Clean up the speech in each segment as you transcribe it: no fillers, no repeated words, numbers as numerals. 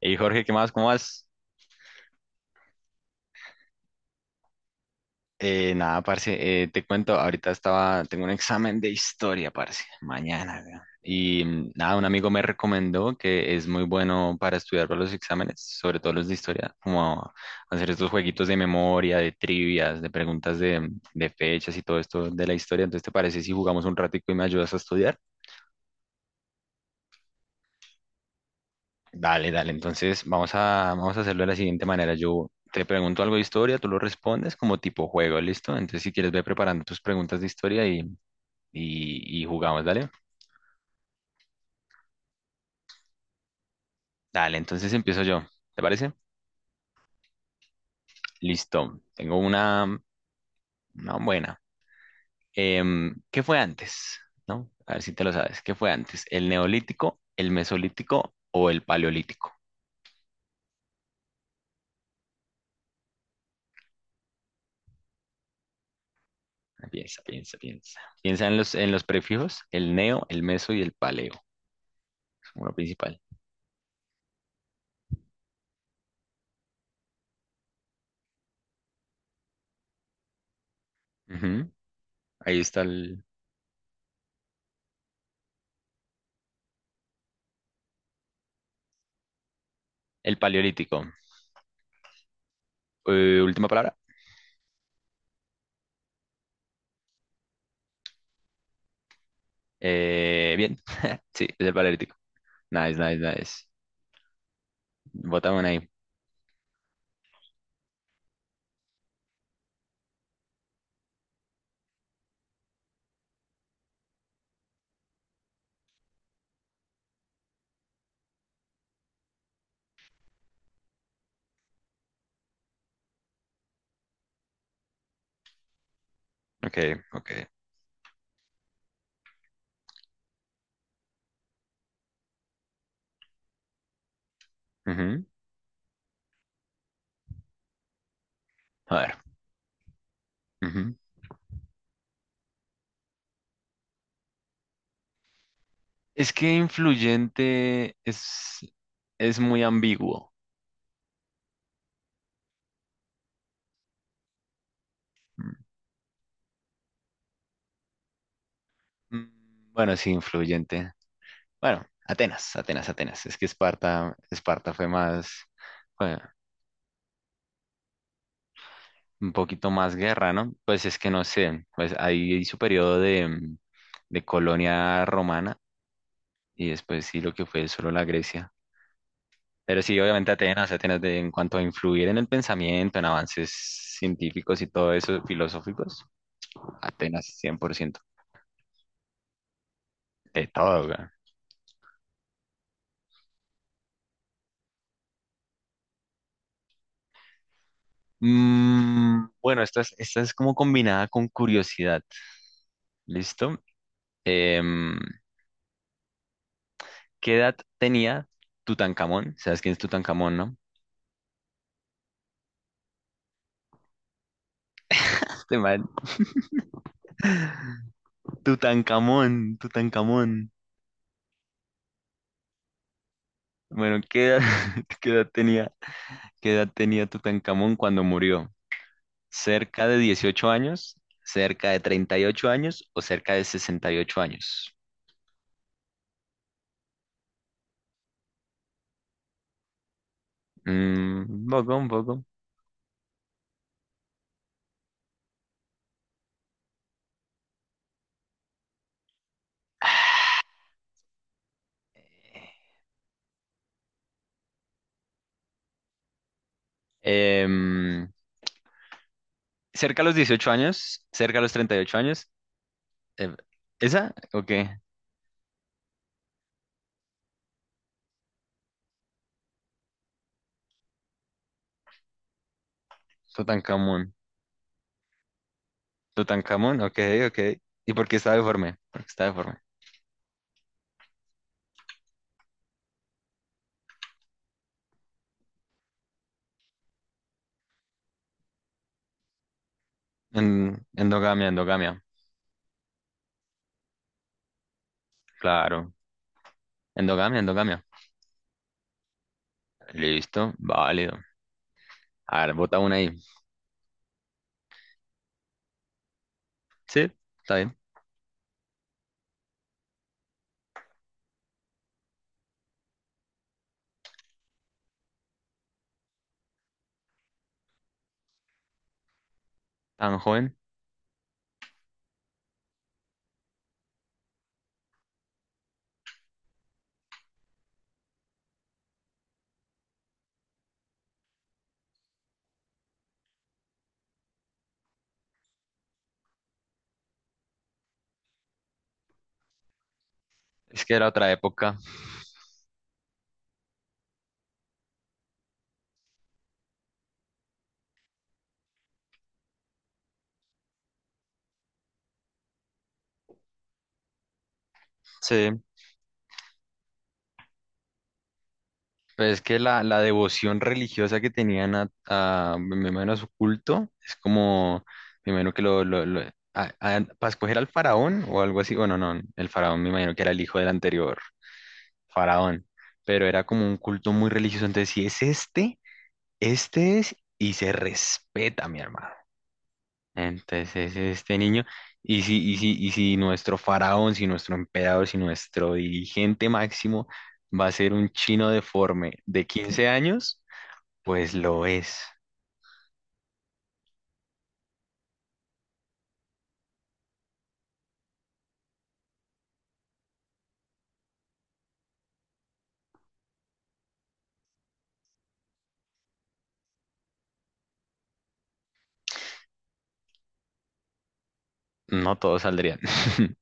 Y Jorge, ¿qué más? ¿Cómo vas? Nada, parce, te cuento, ahorita estaba, tengo un examen de historia, parce, mañana, weón. Y nada, un amigo me recomendó que es muy bueno para estudiar para los exámenes, sobre todo los de historia, como hacer estos jueguitos de memoria, de trivias, de preguntas de fechas y todo esto de la historia. Entonces, ¿te parece si jugamos un ratico y me ayudas a estudiar? Dale, dale. Entonces, vamos a hacerlo de la siguiente manera. Yo te pregunto algo de historia, tú lo respondes como tipo juego, ¿listo? Entonces, si quieres, ve preparando tus preguntas de historia y jugamos, ¿dale? Dale, entonces empiezo yo. ¿Te parece? Listo. Tengo una buena. ¿Qué fue antes? ¿No? A ver si te lo sabes. ¿Qué fue antes? ¿El neolítico, el mesolítico o el paleolítico? Piensa, piensa, piensa. Piensa en los prefijos, el neo, el meso y el paleo. Uno principal. Ujú. Ahí está el paleolítico. Última palabra. Bien. Sí, es el paleolítico. Nice, nice, nice. Botamos ahí. Ok, ok. Ujú. A ver. Ujú. Es que influyente es muy ambiguo. Mm, Bueno, sí, influyente. Bueno, Atenas, Atenas, Atenas. Es que Esparta fue más, fue un poquito más guerra, ¿no? Pues es que no sé, pues ahí su periodo de colonia romana y después sí lo que fue solo la Grecia. Pero sí, obviamente Atenas, Atenas, en cuanto a influir en el pensamiento, en avances científicos y todo eso, filosóficos, Atenas 100% de todo, güey. Bueno, esta es como combinada con curiosidad, ¿listo? Em, ¿Qué edad tenía Tutankamón? ¿Sabes quién es Tutankamón, no? Este man. Tutankamón, Tutankamón. Bueno, ¿qué edad, qué edad tenía, qué edad tenía Tutankamón cuando murió? Cerca de 18 años, cerca de 38 años o cerca de 68 años. Un poco, un poco. Em, Cerca a los 18 años, cerca a los 38 años. em, ¿Esa? Ok. Tutankamón. Tutankamón, ok, ok. ¿Y por qué está deforme? Porque está deforme. Endogamia, endogamia. Claro. Endogamia, endogamia. Listo, válido. A ver, bota una ahí. Sí, está bien. Tan joven. Es que era otra época. Sí. Pues es que la devoción religiosa que tenían a, me imagino a su culto es como, me imagino que lo para escoger al faraón o algo así, bueno, no, el faraón me imagino que era el hijo del anterior faraón, pero era como un culto muy religioso, entonces si es este, este es y se respeta, mi hermano. Entonces este niño, y si nuestro faraón, si nuestro emperador, si nuestro dirigente máximo va a ser un chino deforme de 15 años, pues lo es. No todos saldrían.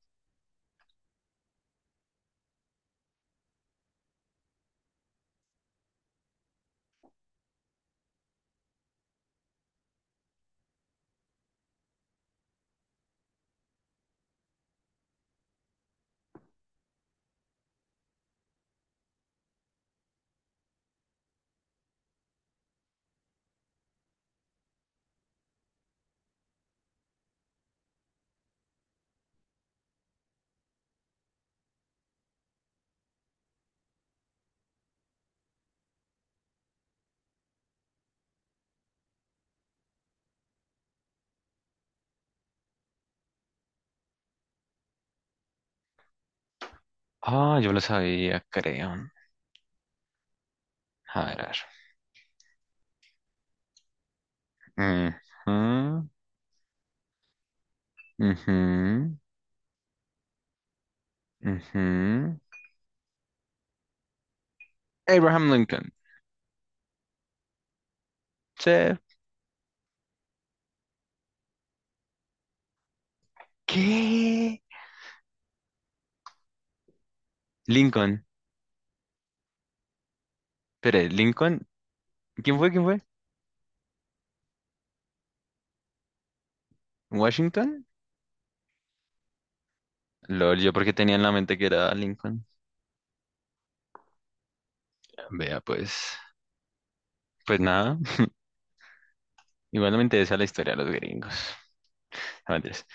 Ah, yo lo sabía, creo. A ver, a ver. Ujú, ujú, ujú. Abraham Lincoln. Sí. ¿Qué? Lincoln. Espere, Lincoln. ¿Quién fue? ¿Quién fue? ¿Washington? Lol, yo porque tenía en la mente que era Lincoln. Vea, pues. Pues nada. Igualmente esa es la historia de los gringos. No, mentiras.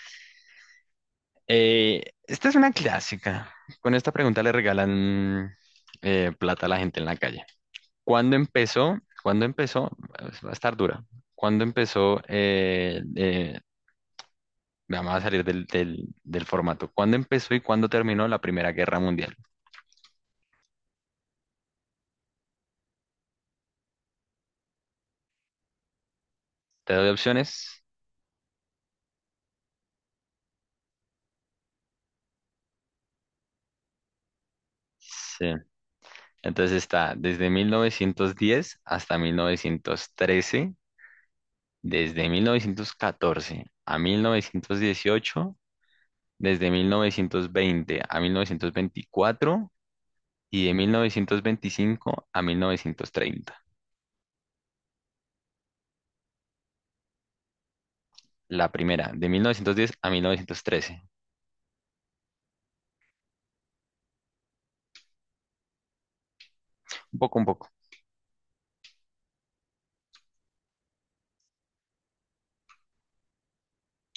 Esta es una clásica. Con esta pregunta le regalan plata a la gente en la calle. ¿Cuándo empezó? ¿Cuándo empezó? Pues, va a estar dura. ¿Cuándo empezó? Vamos a salir del formato. ¿Cuándo empezó y cuándo terminó la Primera Guerra Mundial? ¿Te doy opciones? Sí. Entonces está desde 1910 hasta 1913, desde 1914 a 1918. Desde 1920 a 1924 y de 1925 a 1930. La primera, de 1910 a 1913. Un poco, un poco.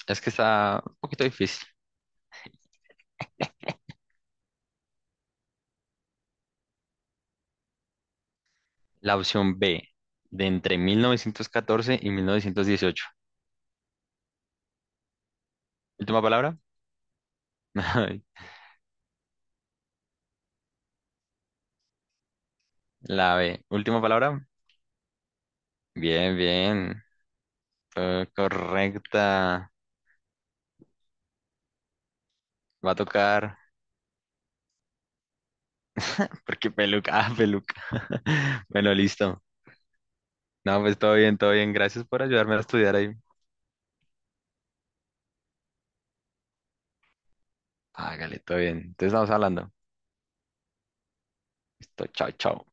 Es que está un poquito difícil. La opción B, de entre 1914 y 1918. Última palabra. La B, última palabra. Bien, bien. Fue correcta. Va a tocar. Porque peluca, ah, peluca. Bueno, listo. No, pues todo bien, todo bien. Gracias por ayudarme a estudiar ahí. Hágale, todo bien. Entonces estamos hablando. Listo, chao, chao.